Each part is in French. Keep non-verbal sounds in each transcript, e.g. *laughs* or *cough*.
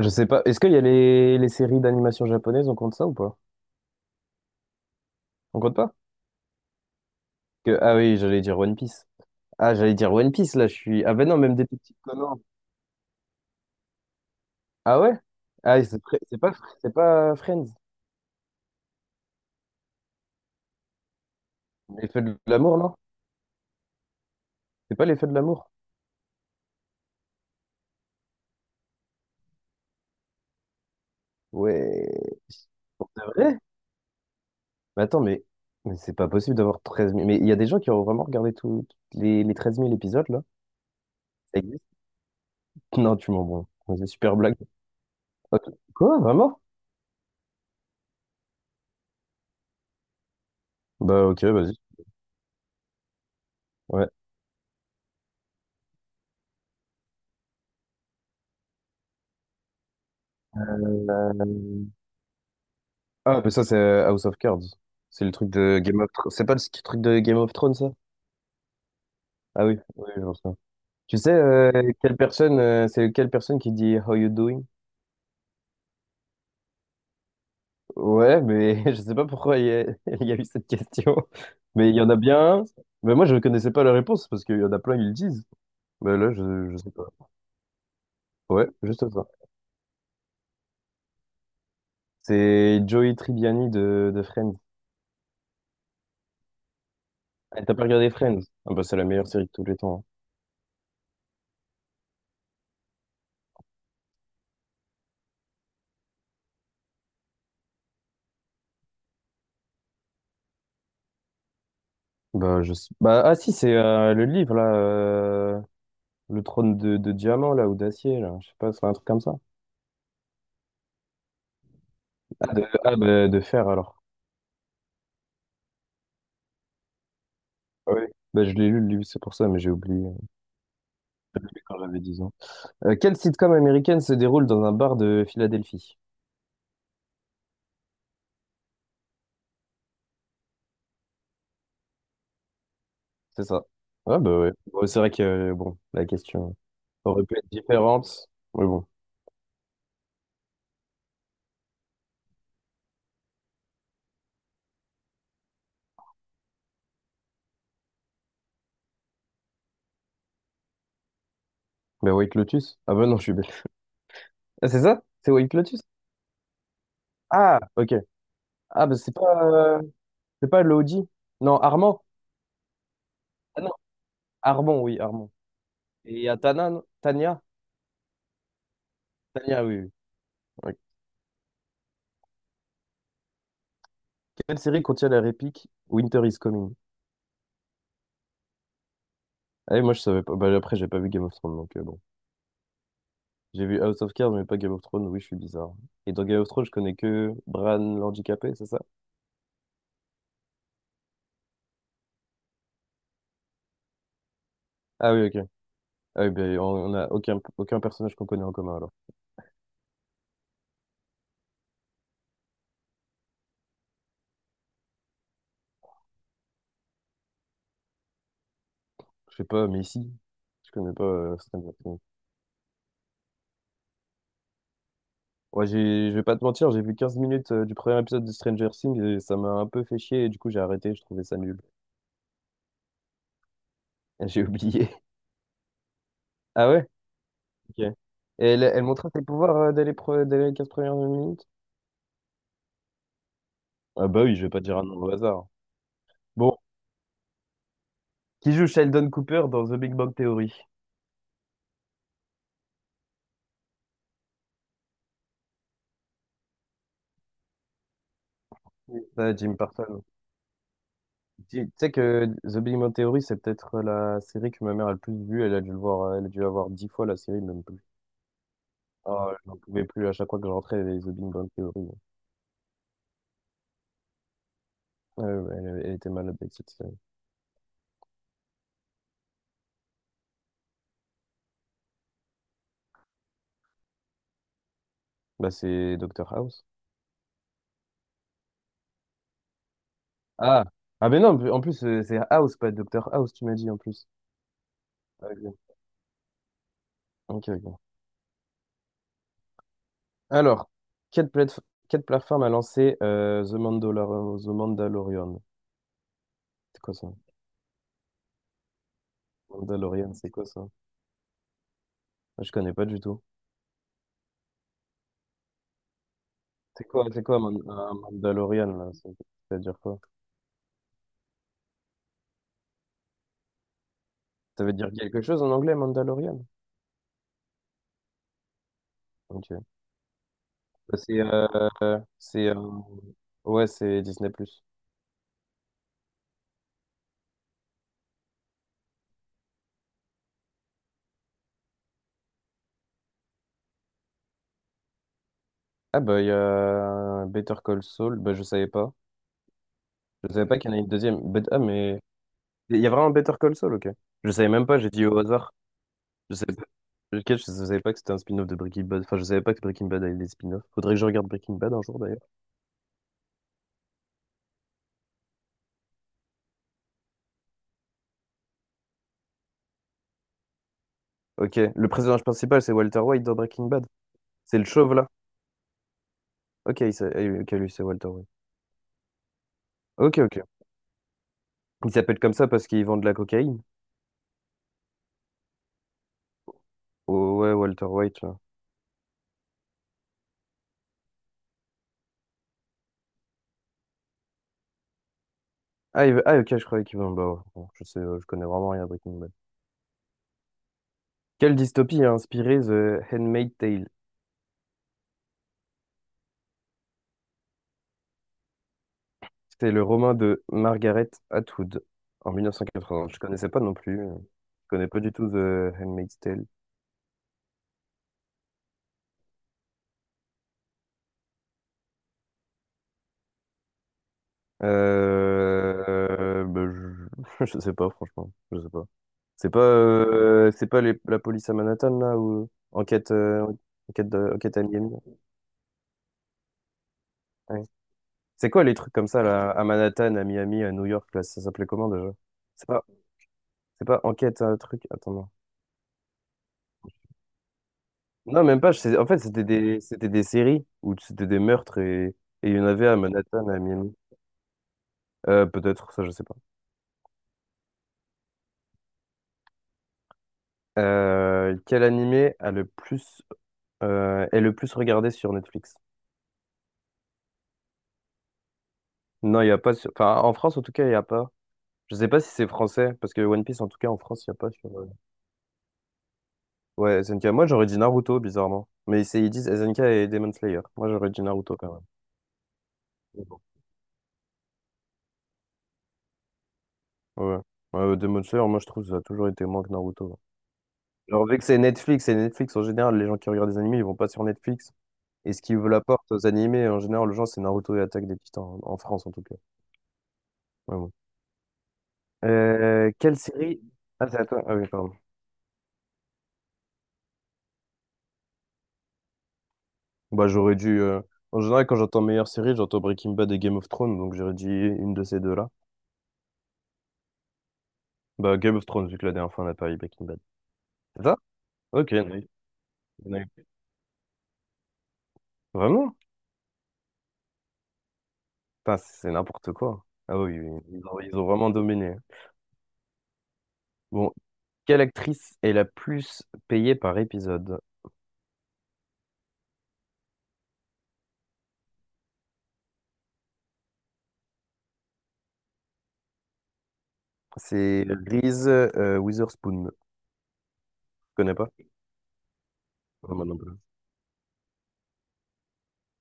Je sais pas. Est-ce qu'il y a les séries d'animation japonaises, on compte ça ou pas? On compte pas? Ah oui, j'allais dire One Piece. Ah, j'allais dire One Piece, là, je suis. Ah ben non, même des petits Conan. Ah ouais? Ah, c'est pas Friends. Les feux de l'amour, non? C'est pas les feux de l'amour? Ouais. Pour de vrai? Mais attends, mais c'est pas possible d'avoir 13 000. Mais il y a des gens qui ont vraiment regardé tous les 13 000 épisodes, là. Ça existe. Non, tu m'en bon. C'est super blague. Ok. Quoi, vraiment? Bah ok, vas-y. Ouais. Euh, Ah, mais ça c'est House of Cards. C'est le truc de Game of Thrones. C'est pas truc de Game of Thrones, ça? Ah oui, oui, je vois ça. Tu sais, c'est quelle personne qui dit How you doing? Ouais, mais *laughs* je sais pas pourquoi *laughs* il y a eu cette question. Mais il y en a bien un. Mais moi, je ne connaissais pas la réponse parce qu'il y en a plein ils le disent. Mais là, je sais pas. Ouais, juste ça. C'est Joey Tribbiani de Friends. Ah, t'as pas regardé Friends? Ah bah, c'est la meilleure série de tous les temps, hein. Bah, bah, ah si, c'est le livre, là. Le trône de diamant, là, ou d'acier, là. Je sais pas, c'est un truc comme ça. Ah, de, ah, bah, de fer, alors. Ah oui. Bah, je l'ai lu, le livre, c'est pour ça, mais j'ai oublié. J'ai oublié quand j'avais 10 ans. Quelle sitcom américaine se déroule dans un bar de Philadelphie? C'est ça. Ah bah ouais. Bon, c'est vrai que, bon, la question aurait pu être différente. Mais bon. Bah, White Lotus? Ah bah non, je suis bête. Ah, c'est ça? C'est White Lotus? Ah, ok. Ah, bah c'est pas... C'est pas Lodi? Non, Armand? Ah non, Armand, oui, Armand. Et il y a Tania? Tania, oui, oui. Ouais. Quelle série contient la réplique Winter is Coming? Ah oui, moi, je savais pas. Bah, après, j'ai pas vu Game of Thrones, donc bon. J'ai vu House of Cards, mais pas Game of Thrones. Oui, je suis bizarre. Et dans Game of Thrones, je connais que Bran l'handicapé, c'est ça? Ah oui, ok. Ah oui, ben, on a aucun personnage qu'on connaît en commun, alors. Je sais pas, mais si. Je connais pas Stranger Things. Ouais, je vais pas te mentir, j'ai vu 15 minutes du premier épisode de Stranger Things et ça m'a un peu fait chier et du coup j'ai arrêté, je trouvais ça nul. J'ai oublié. *laughs* Ah ouais? Ok. Et elle montrait ses pouvoirs dès les 15 premières minutes? Ah bah oui, je vais pas dire un nom au hasard. Bon, qui joue Sheldon Cooper dans The Big Bang Theory? Oui. Ah, Jim Parsons. Tu sais que The Big Bang Theory, c'est peut-être la série que ma mère a le plus vue. Elle a dû le voir, elle a dû avoir 10 fois la série, même plus. Ah, je n'en pouvais plus à chaque fois que je rentrais, elle The Big Bang Theory. Ouais, ouais, elle était malade avec cette série. Bah, c'est Doctor House. Ah! Ah, mais non, en plus, c'est House, pas Doctor House, tu m'as dit en plus. Ah, ok, ok. Ok. Alors, quelle, plate- quelle plateforme a lancé The Mandalorian? C'est quoi ça? Mandalorian, c'est quoi ça? Ah, je connais pas du tout. C'est quoi un Mandalorian là? Ça veut dire quoi? Ça veut dire quelque chose en anglais, Mandalorian? Ok. Bah, c'est ouais, c'est Disney+. Ah bah il y a Better Call Saul, bah je savais pas. Je savais pas qu'il y en a une deuxième. Ah mais il y a vraiment Better Call Saul, ok. Je savais même pas, j'ai dit au hasard. Je savais pas, lequel, je savais pas que c'était un spin-off de Breaking Bad. Enfin, je savais pas que Breaking Bad avait des spin-offs. Faudrait que je regarde Breaking Bad un jour d'ailleurs. Ok, le personnage principal c'est Walter White dans Breaking Bad. C'est le chauve là. Ok, ok, lui c'est Walter White. Ok, ok. Il s'appelle comme ça parce qu'il vend de la cocaïne. Oh, ouais, Walter White là. Ah, ah, ok, je croyais qu'il vend. Bah, ouais, bon, je sais, je connais vraiment rien à Breaking Bad. Quelle dystopie a inspiré The Handmaid's Tale? C'est le roman de Margaret Atwood en 1980. Je connaissais pas non plus. Je connais pas du tout The Handmaid's Tale. Bah, je... *laughs* je sais pas, franchement. Je sais pas. C'est pas la police à Manhattan, là, ou enquête, enquête à Miami. Ouais. C'est quoi les trucs comme ça, là, à Manhattan, à Miami, à New York, là, ça s'appelait comment déjà? C'est pas, c'est pas enquête, un truc. Attends, non. Non, même pas. En fait, c'était des séries où c'était des meurtres et il y en avait à Manhattan, à Miami. Peut-être, ça, je sais pas. Quel animé a est le plus regardé sur Netflix? Non, il n'y a pas. Enfin, en France, en tout cas, il n'y a pas. Je sais pas si c'est français, parce que One Piece, en tout cas, en France, il n'y a pas sur. Ouais, SNK. Moi, j'aurais dit Naruto, bizarrement. Ils disent SNK et Demon Slayer. Moi, j'aurais dit Naruto quand même. Mais bon. Ouais. Ouais, Demon Slayer, moi, je trouve que ça a toujours été moins que Naruto. Genre, vu que c'est Netflix, et Netflix, en général, les gens qui regardent des animés, ils vont pas sur Netflix. Et ce qui veut la porte aux animés, en général, les gens, c'est Naruto et Attaque des Titans, en France, en tout cas. Ouais, ouais. Quelle série? Ah, c'est à toi. Ah oui, pardon. Bah, j'aurais dû. En général, quand j'entends meilleure série, j'entends Breaking Bad et Game of Thrones, donc j'aurais dit une de ces deux-là. Bah, Game of Thrones, vu que la dernière fois on a pas eu Breaking Bad. C'est ça? Ok, nice, nice. Vraiment? Putain, c'est n'importe quoi. Ah oui, oui, oui. Ils ont vraiment dominé. Bon, quelle actrice est la plus payée par épisode? C'est Reese Witherspoon. Tu connais pas? Non, moi non plus.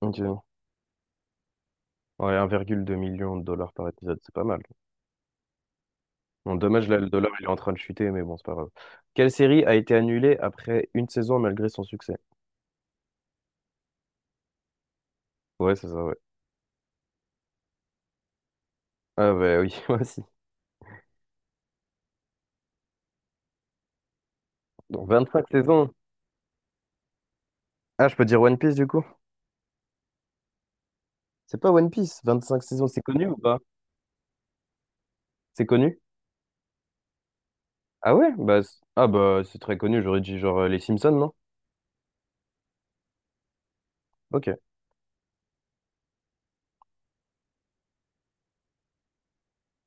Ok. Ouais, 1,2 million de dollars par épisode, c'est pas mal. Bon, dommage, là, le dollar, il est en train de chuter, mais bon, c'est pas grave. Quelle série a été annulée après une saison malgré son succès? Ouais, c'est ça, ouais. Ah, bah oui, *laughs* moi aussi. Donc, 25 saisons. Ah, je peux dire One Piece, du coup? C'est pas One Piece, 25 saisons, c'est connu ou pas? C'est connu? Ah ouais? Bah, ah bah, c'est très connu, j'aurais dit genre les Simpsons, non? Ok.